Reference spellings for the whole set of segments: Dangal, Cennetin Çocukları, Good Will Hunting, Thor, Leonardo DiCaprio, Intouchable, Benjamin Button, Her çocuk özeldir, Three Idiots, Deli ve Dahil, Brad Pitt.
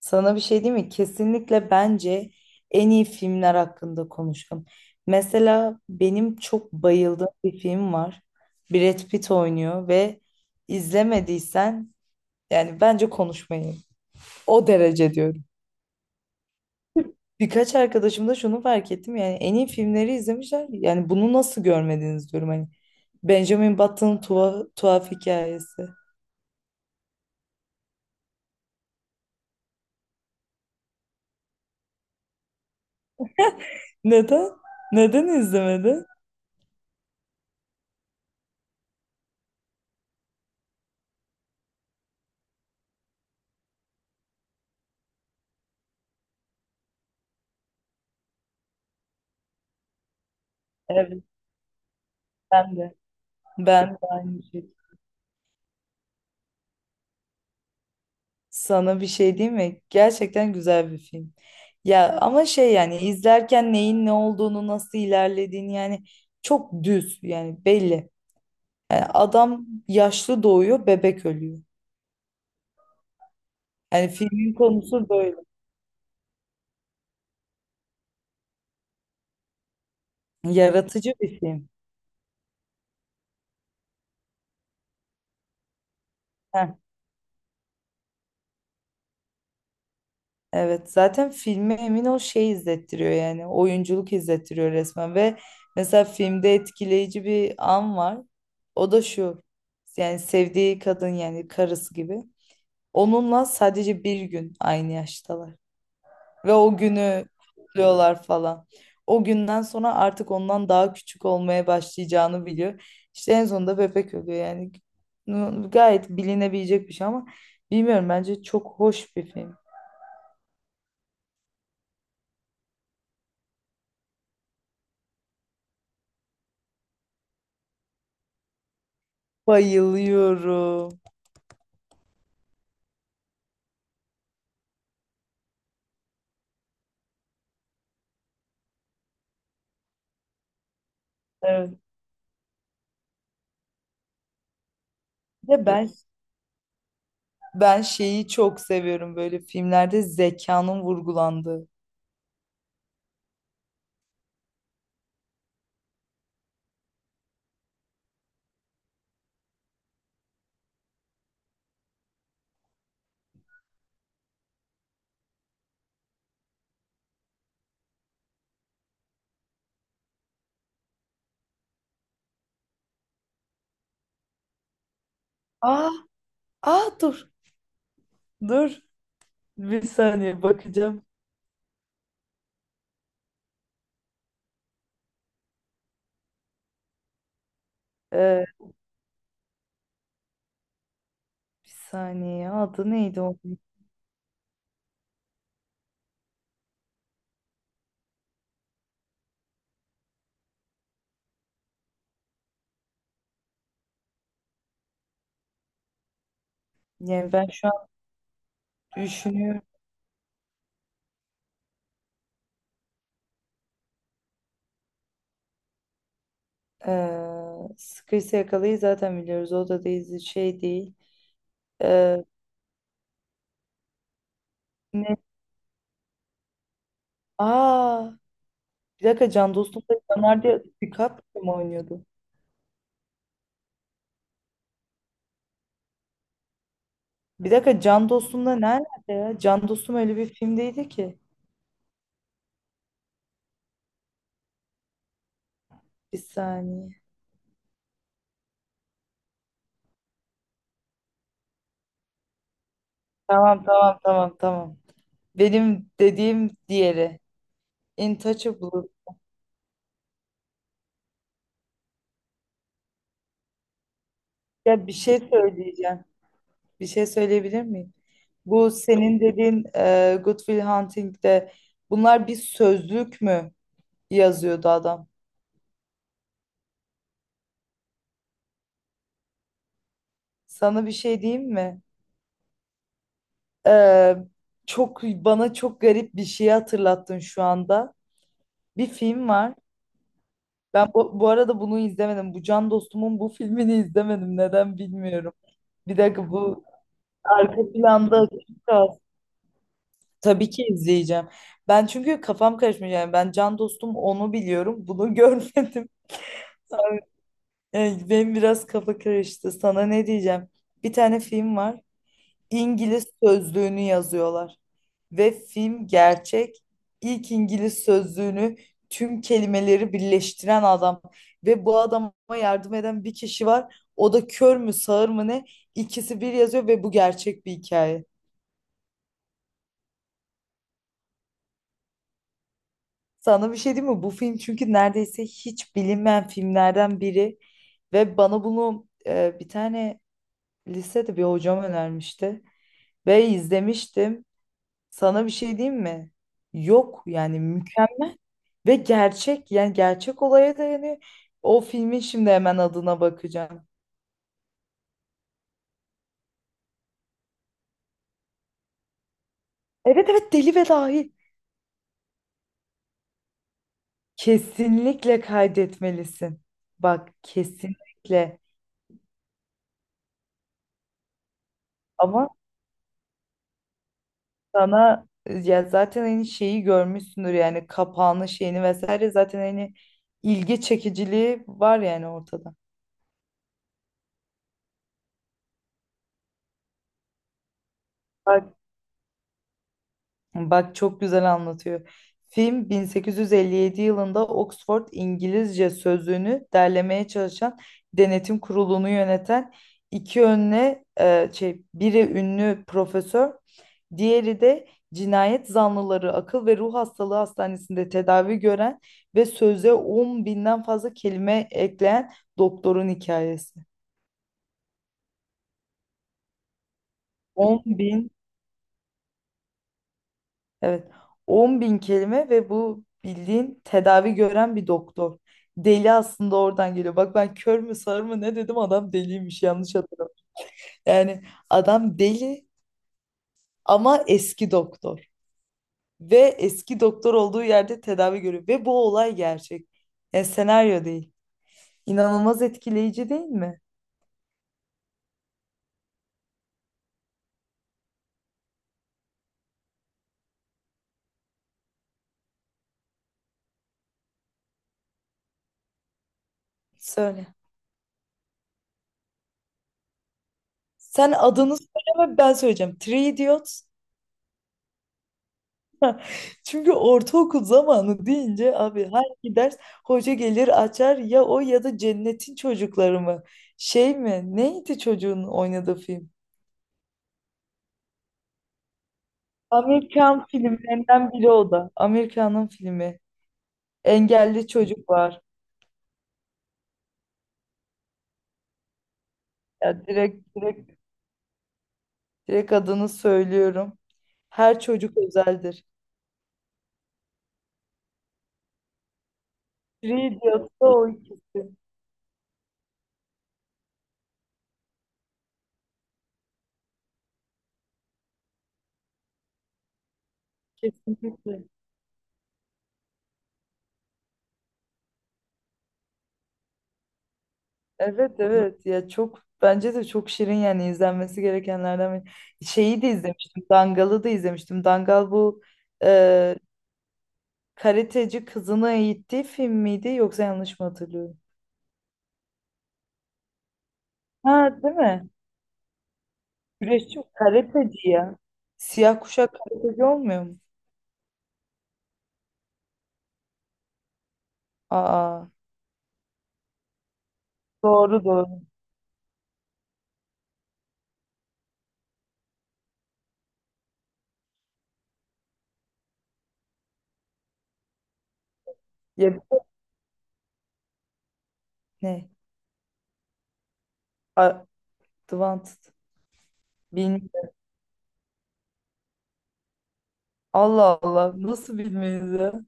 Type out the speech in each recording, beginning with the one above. Sana bir şey diyeyim mi? Kesinlikle bence en iyi filmler hakkında konuşalım. Mesela benim çok bayıldığım bir film var. Brad Pitt oynuyor ve izlemediysen yani bence konuşmayın. O derece diyorum. Birkaç arkadaşım da şunu fark ettim yani en iyi filmleri izlemişler. Yani bunu nasıl görmediniz diyorum hani. Benjamin Button'ın tuhaf hikayesi. Neden? Neden izlemedin? Evet, ben de. Ben de aynı şey. Sana bir şey diyeyim mi? Gerçekten güzel bir film. Ya ama şey, yani izlerken neyin ne olduğunu nasıl ilerlediğini yani çok düz, yani belli. Yani adam yaşlı doğuyor, bebek ölüyor. Yani filmin konusu böyle. Yaratıcı bir film. Heh. Evet, zaten filme emin ol şey izlettiriyor, yani oyunculuk izlettiriyor resmen ve mesela filmde etkileyici bir an var, o da şu: yani sevdiği kadın, yani karısı gibi, onunla sadece bir gün aynı yaştalar ve o günü kutluyorlar falan. O günden sonra artık ondan daha küçük olmaya başlayacağını biliyor. İşte en sonunda bebek ölüyor yani, gayet bilinebilecek bir şey ama bilmiyorum, bence çok hoş bir film. Bayılıyorum. Evet. Ve ben şeyi çok seviyorum, böyle filmlerde zekanın vurgulandığı. Aa, aa dur. Dur. Bir saniye bakacağım. Ee, bir saniye. Adı neydi o? Yani ben şu an düşünüyorum. Sıkıysa Yakalayı zaten biliyoruz. O da değil, şey değil. Ee, ne? Aa, bir dakika, Can Dostum'da Leonardo DiCaprio mu oynuyordu? Bir dakika, Can Dostum'da nerede ya? Can Dostum öyle bir film değildi ki. Bir saniye. Tamam, tamam, tamam, tamam. Benim dediğim diğeri. Intouchable. Ya bir şey söyleyeceğim. Bir şey söyleyebilir miyim? Bu senin dediğin Good Will Hunting'de bunlar bir sözlük mü yazıyordu adam? Sana bir şey diyeyim mi? E, çok bana çok garip bir şeyi hatırlattın şu anda. Bir film var. Ben bu arada bunu izlemedim. Bu Can Dostum'un bu filmini izlemedim. Neden bilmiyorum. Bir dakika, bu arka planda açık kaldı. Tabii ki izleyeceğim. Ben çünkü kafam karışmış, yani ben Can Dostum onu biliyorum, bunu görmedim. Yani benim biraz kafa karıştı. Sana ne diyeceğim? Bir tane film var. İngiliz sözlüğünü yazıyorlar. Ve film gerçek. İlk İngiliz sözlüğünü tüm kelimeleri birleştiren adam. Ve bu adama yardım eden bir kişi var. O da kör mü, sağır mı, ne? İkisi bir yazıyor ve bu gerçek bir hikaye. Sana bir şey diyeyim mi? Bu film çünkü neredeyse hiç bilinmeyen filmlerden biri ve bana bunu bir tane lisede bir hocam önermişti ve izlemiştim. Sana bir şey diyeyim mi? Yok yani, mükemmel ve gerçek, yani gerçek olaya dayanıyor. O filmin şimdi hemen adına bakacağım. Evet, evet, Deli ve Dahil. Kesinlikle kaydetmelisin. Bak, kesinlikle. Ama sana ya zaten hani şeyi görmüşsündür, yani kapağını şeyini vesaire, zaten hani ilgi çekiciliği var yani, ortada. Bak Bak, çok güzel anlatıyor. Film 1857 yılında Oxford İngilizce Sözlüğünü derlemeye çalışan, denetim kurulunu yöneten iki önüne şey, biri ünlü profesör, diğeri de cinayet zanlıları akıl ve ruh hastalığı hastanesinde tedavi gören ve söze 10 binden fazla kelime ekleyen doktorun hikayesi. 10.000. Evet. 10 bin kelime ve bu bildiğin tedavi gören bir doktor. Deli aslında oradan geliyor. Bak, ben kör mü sağır mı ne dedim, adam deliymiş, yanlış hatırladım. Yani adam deli ama eski doktor. Ve eski doktor olduğu yerde tedavi görüyor. Ve bu olay gerçek. Yani senaryo değil. İnanılmaz etkileyici değil mi? Söyle. Sen adını söyleme, ben söyleyeceğim. Three Idiots. Çünkü ortaokul zamanı deyince abi hangi ders hoca gelir açar ya, o ya da Cennetin Çocukları mı? Şey mi? Neydi çocuğun oynadığı film? Amerikan filmlerinden biri o da. Amerikan'ın filmi. Engelli çocuk var. Ya direkt adını söylüyorum. Her çocuk özeldir. Free diyorsa o ikisi. Kesinlikle. Evet, evet, ya çok bence de çok şirin, yani izlenmesi gerekenlerden biri. Şeyi de izlemiştim, Dangal'ı da izlemiştim. Dangal bu e, karateci kızını eğittiği film miydi, yoksa yanlış mı hatırlıyorum? Ha, değil mi? Güreşçi mi? Karateci ya. Siyah kuşak karateci olmuyor mu? Aa, doğru doğru. Ya, ne? Advanced. Bilmiyorum. Allah Allah, nasıl bilmeyiz ya?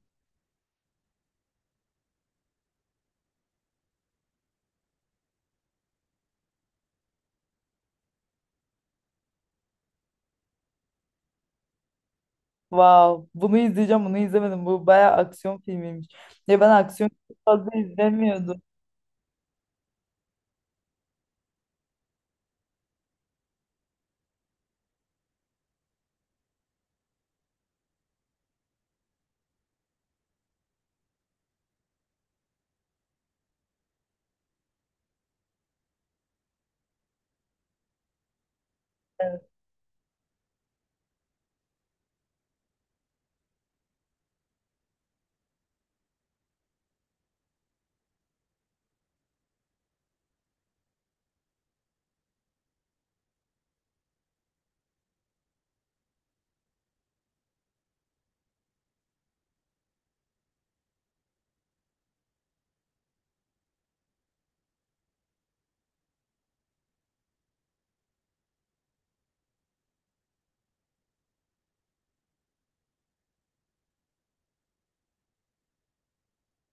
Wow, bunu izleyeceğim, bunu izlemedim. Bu bayağı aksiyon filmiymiş. Ya ben aksiyon çok fazla izlemiyordum. Evet.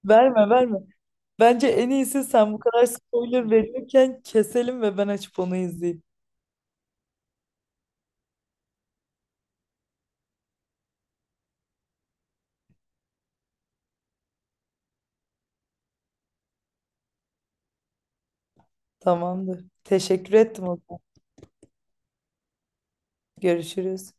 Verme, verme. Bence en iyisi, sen bu kadar spoiler verirken keselim ve ben açıp onu izleyeyim. Tamamdır. Teşekkür ettim o zaman. Görüşürüz.